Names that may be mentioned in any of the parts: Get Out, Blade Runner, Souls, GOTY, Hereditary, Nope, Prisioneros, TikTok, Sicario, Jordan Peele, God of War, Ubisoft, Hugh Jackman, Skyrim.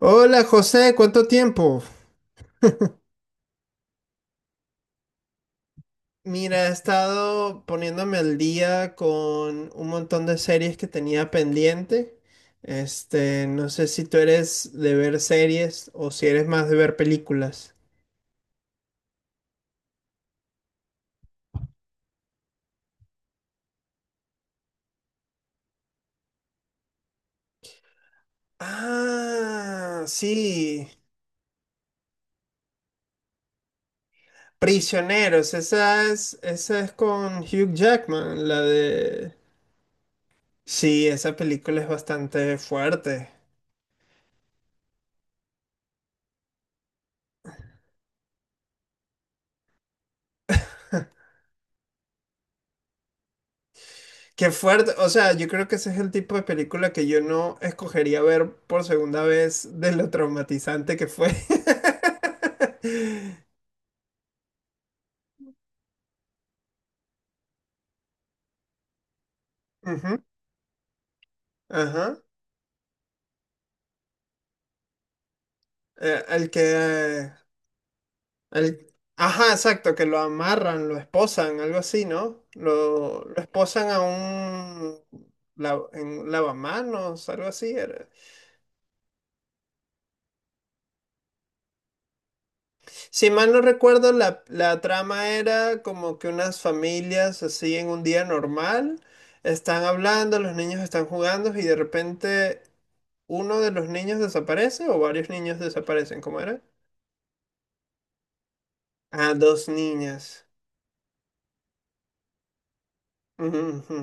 Hola José, ¿cuánto tiempo? Mira, he estado poniéndome al día con un montón de series que tenía pendiente. No sé si tú eres de ver series o si eres más de ver películas. Ah, sí. Prisioneros, esa es con Hugh Jackman, la de... Sí, esa película es bastante fuerte. Qué fuerte, o sea, yo creo que ese es el tipo de película que yo no escogería ver por segunda vez de lo traumatizante que fue. Ujú. Ajá. Eh, el que, ajá, exacto, que lo amarran, lo esposan, algo así, ¿no? Lo esposan en un lavamanos, algo así era. Si mal no recuerdo, la trama era como que unas familias así en un día normal están hablando, los niños están jugando y de repente uno de los niños desaparece o varios niños desaparecen, ¿cómo era? Ah, dos niñas. Ujú, ujú.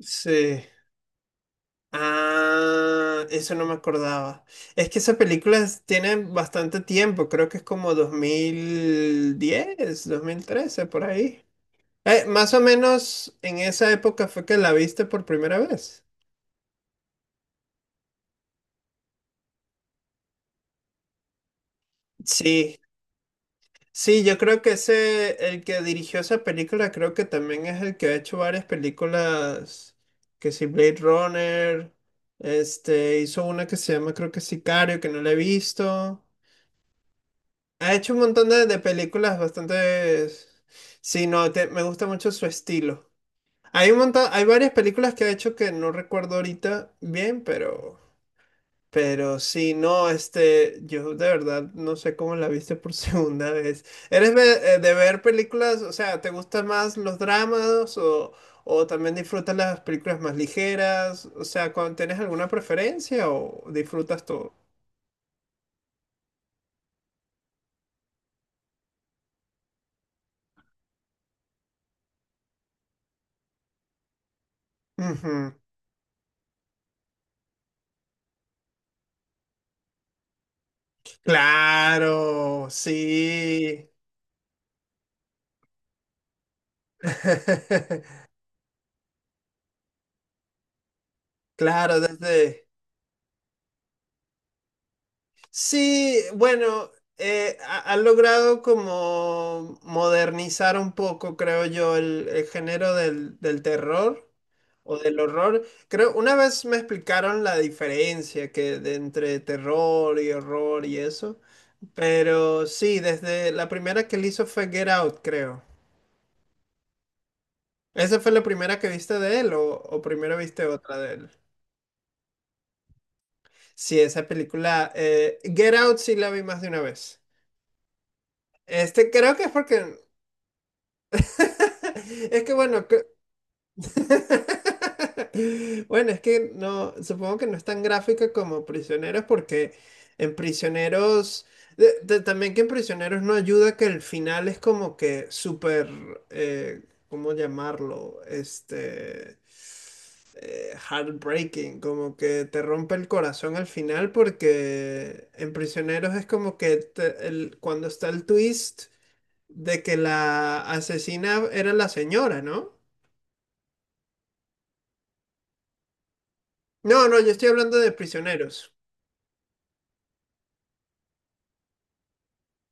Sí. Ah, eso no me acordaba. Es que esa película tiene bastante tiempo, creo que es como 2010 2013 por ahí. Más o menos en esa época fue que la viste por primera vez. Sí, sí, yo creo que ese, el que dirigió esa película, creo que también es el que ha hecho varias películas, que si Blade Runner, hizo una que se llama, creo que Sicario, que no la he visto. Ha hecho un montón de películas bastante... Sí, no, me gusta mucho su estilo. Hay un montón, hay varias películas que ha hecho que no recuerdo ahorita bien, pero... Pero sí, no, yo de verdad no sé cómo la viste por segunda vez. ¿Eres de ver películas, o sea, te gustan más los dramas o también disfrutas las películas más ligeras? O sea, ¿tienes alguna preferencia o disfrutas todo? Ujú. Claro, sí. Claro, desde... Sí, bueno, han logrado como modernizar un poco, creo yo, el género del terror o del horror. Creo, una vez me explicaron la diferencia que de entre terror y horror y eso, pero sí, desde la primera que él hizo fue Get Out, creo. ¿Esa fue la primera que viste de él o primero viste otra de él? Sí, esa película, Get Out sí la vi más de una vez. Creo que es porque es que bueno, bueno, es que no, supongo que no es tan gráfica como Prisioneros porque en Prisioneros, también que en Prisioneros no ayuda que el final es como que súper, eh, ¿cómo llamarlo? Heartbreaking, como que te rompe el corazón al final porque en Prisioneros es como que cuando está el twist de que la asesina era la señora, ¿no? No, no, yo estoy hablando de prisioneros.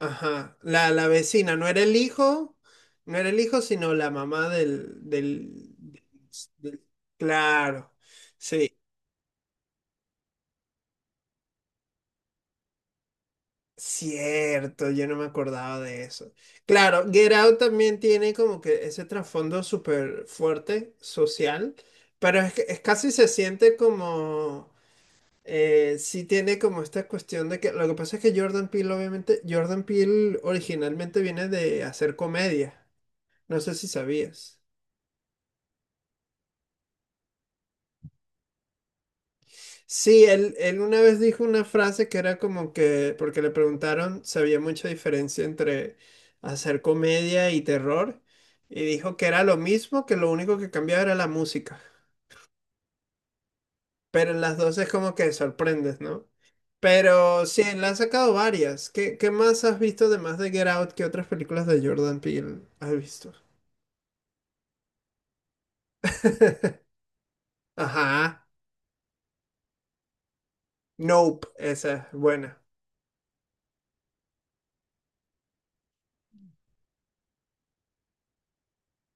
Ajá, la vecina, no era el hijo, no era el hijo, sino la mamá del... Claro, sí, cierto, yo no me acordaba de eso. Claro, Get Out también tiene como que ese trasfondo súper fuerte, social, pero es que es casi se siente como... Sí tiene como esta cuestión de que lo que pasa es que Jordan Peele, obviamente, Jordan Peele originalmente viene de hacer comedia. No sé si sabías. Sí, él una vez dijo una frase que era como que, porque le preguntaron si había mucha diferencia entre hacer comedia y terror, y dijo que era lo mismo, que lo único que cambiaba era la música. Pero en las dos es como que sorprendes, ¿no? Pero sí, le han sacado varias. ¿Qué más has visto además de Get Out? ¿Qué otras películas de Jordan Peele has visto? Ajá. Nope, esa es buena.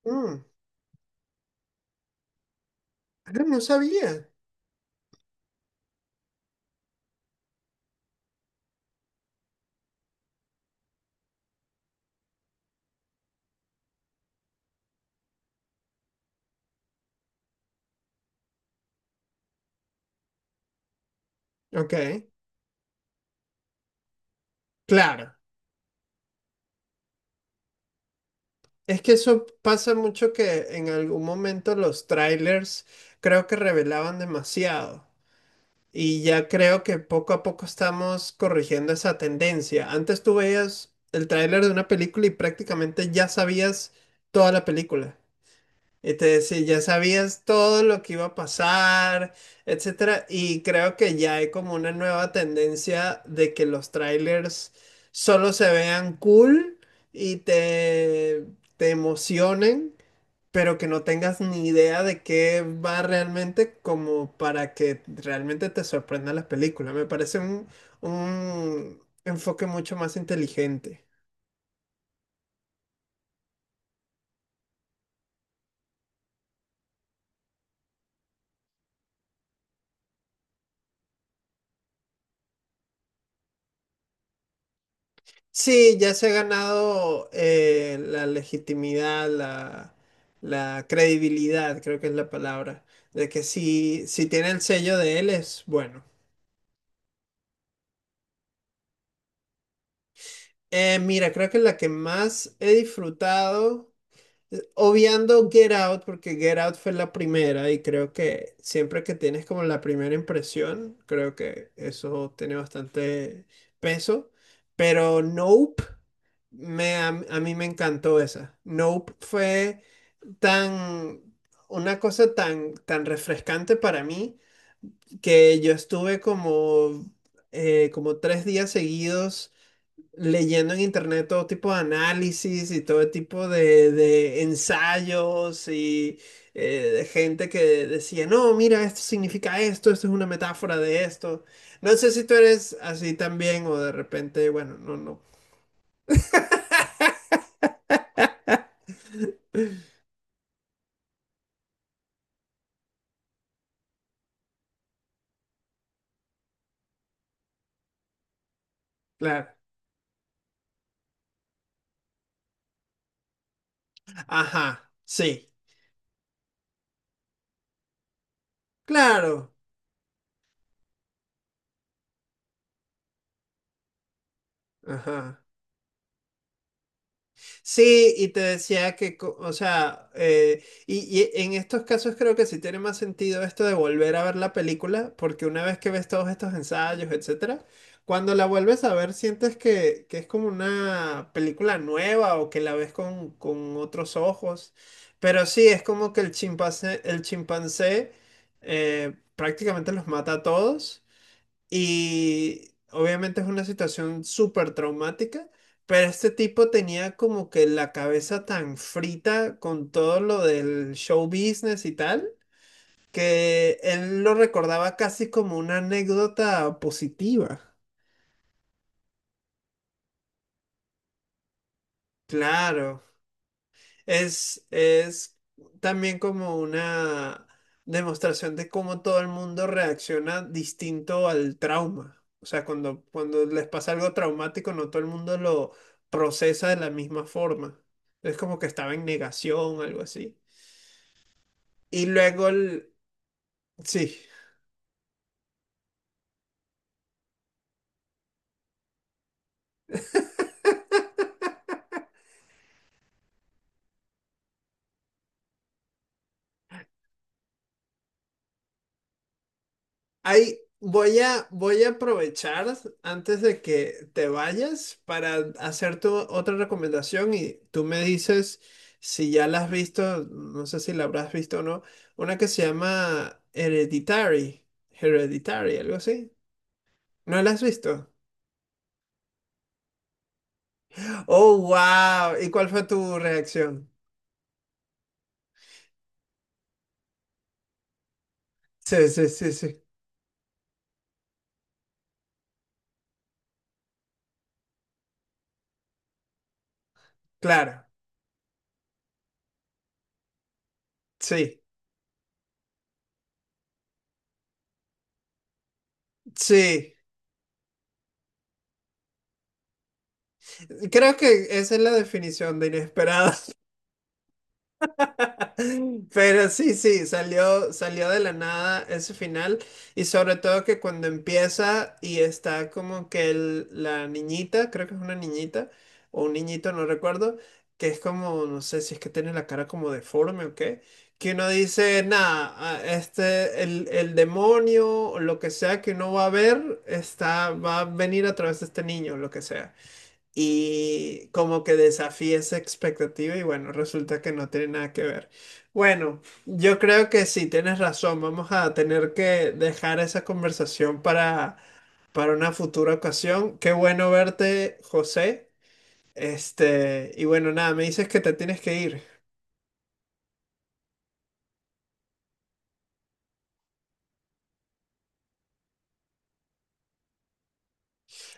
Mm, ah, no sabía. Ok, claro. Es que eso pasa mucho que en algún momento los trailers creo que revelaban demasiado. Y ya creo que poco a poco estamos corrigiendo esa tendencia. Antes tú veías el tráiler de una película y prácticamente ya sabías toda la película. Sí, ya sabías todo lo que iba a pasar, etcétera, y creo que ya hay como una nueva tendencia de que los trailers solo se vean cool y te emocionen, pero que no tengas ni idea de qué va realmente como para que realmente te sorprenda las películas. Me parece un enfoque mucho más inteligente. Sí, ya se ha ganado la legitimidad, la credibilidad, creo que es la palabra, de que si, tiene el sello de él es bueno. Mira, creo que la que más he disfrutado, obviando Get Out, porque Get Out fue la primera y creo que siempre que tienes como la primera impresión, creo que eso tiene bastante peso, pero Nope. A mí me encantó esa. Nope fue tan, una cosa tan, tan refrescante para mí que yo estuve como 3 días seguidos leyendo en internet todo tipo de análisis y todo tipo de ensayos y de gente que decía, no, mira, esto significa esto, esto es una metáfora de esto. No sé si tú eres así también o de repente, bueno, no, no. Claro. Ajá, sí. Claro. Ajá. Sí, y te decía que, o sea, y en estos casos creo que sí tiene más sentido esto de volver a ver la película, porque una vez que ves todos estos ensayos, etcétera, cuando la vuelves a ver sientes que es como una película nueva o que la ves con otros ojos. Pero sí, es como que el chimpancé prácticamente los mata a todos. Y obviamente es una situación súper traumática, pero este tipo tenía como que la cabeza tan frita con todo lo del show business y tal, que él lo recordaba casi como una anécdota positiva. Claro. Es también como una demostración de cómo todo el mundo reacciona distinto al trauma. O sea, cuando les pasa algo traumático, no todo el mundo lo procesa de la misma forma. Es como que estaba en negación, algo así. Y luego, sí. Ahí voy a aprovechar antes de que te vayas para hacerte otra recomendación y tú me dices si ya la has visto, no sé si la habrás visto o no, una que se llama Hereditary, Hereditary, algo así. ¿No la has visto? Oh, wow. ¿Y cuál fue tu reacción? Sí, sí, sí, sí. Claro, sí, sí. Creo que esa es la definición de inesperada. Pero sí, sí, salió de la nada ese final y sobre todo que cuando empieza y está como que la niñita, creo que es una niñita o un niñito, no recuerdo, que es como, no sé si es que tiene la cara como deforme o qué, que uno dice, nada, el demonio o lo que sea que uno va a ver, va a venir a través de este niño, lo que sea y como que desafía esa expectativa y bueno, resulta que no tiene nada que ver. Bueno, yo creo que sí, tienes razón, vamos a tener que dejar esa conversación para, una futura ocasión. Qué bueno verte, José. Y bueno, nada, me dices que te tienes que ir.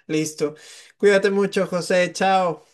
Listo. Cuídate mucho, José. Chao.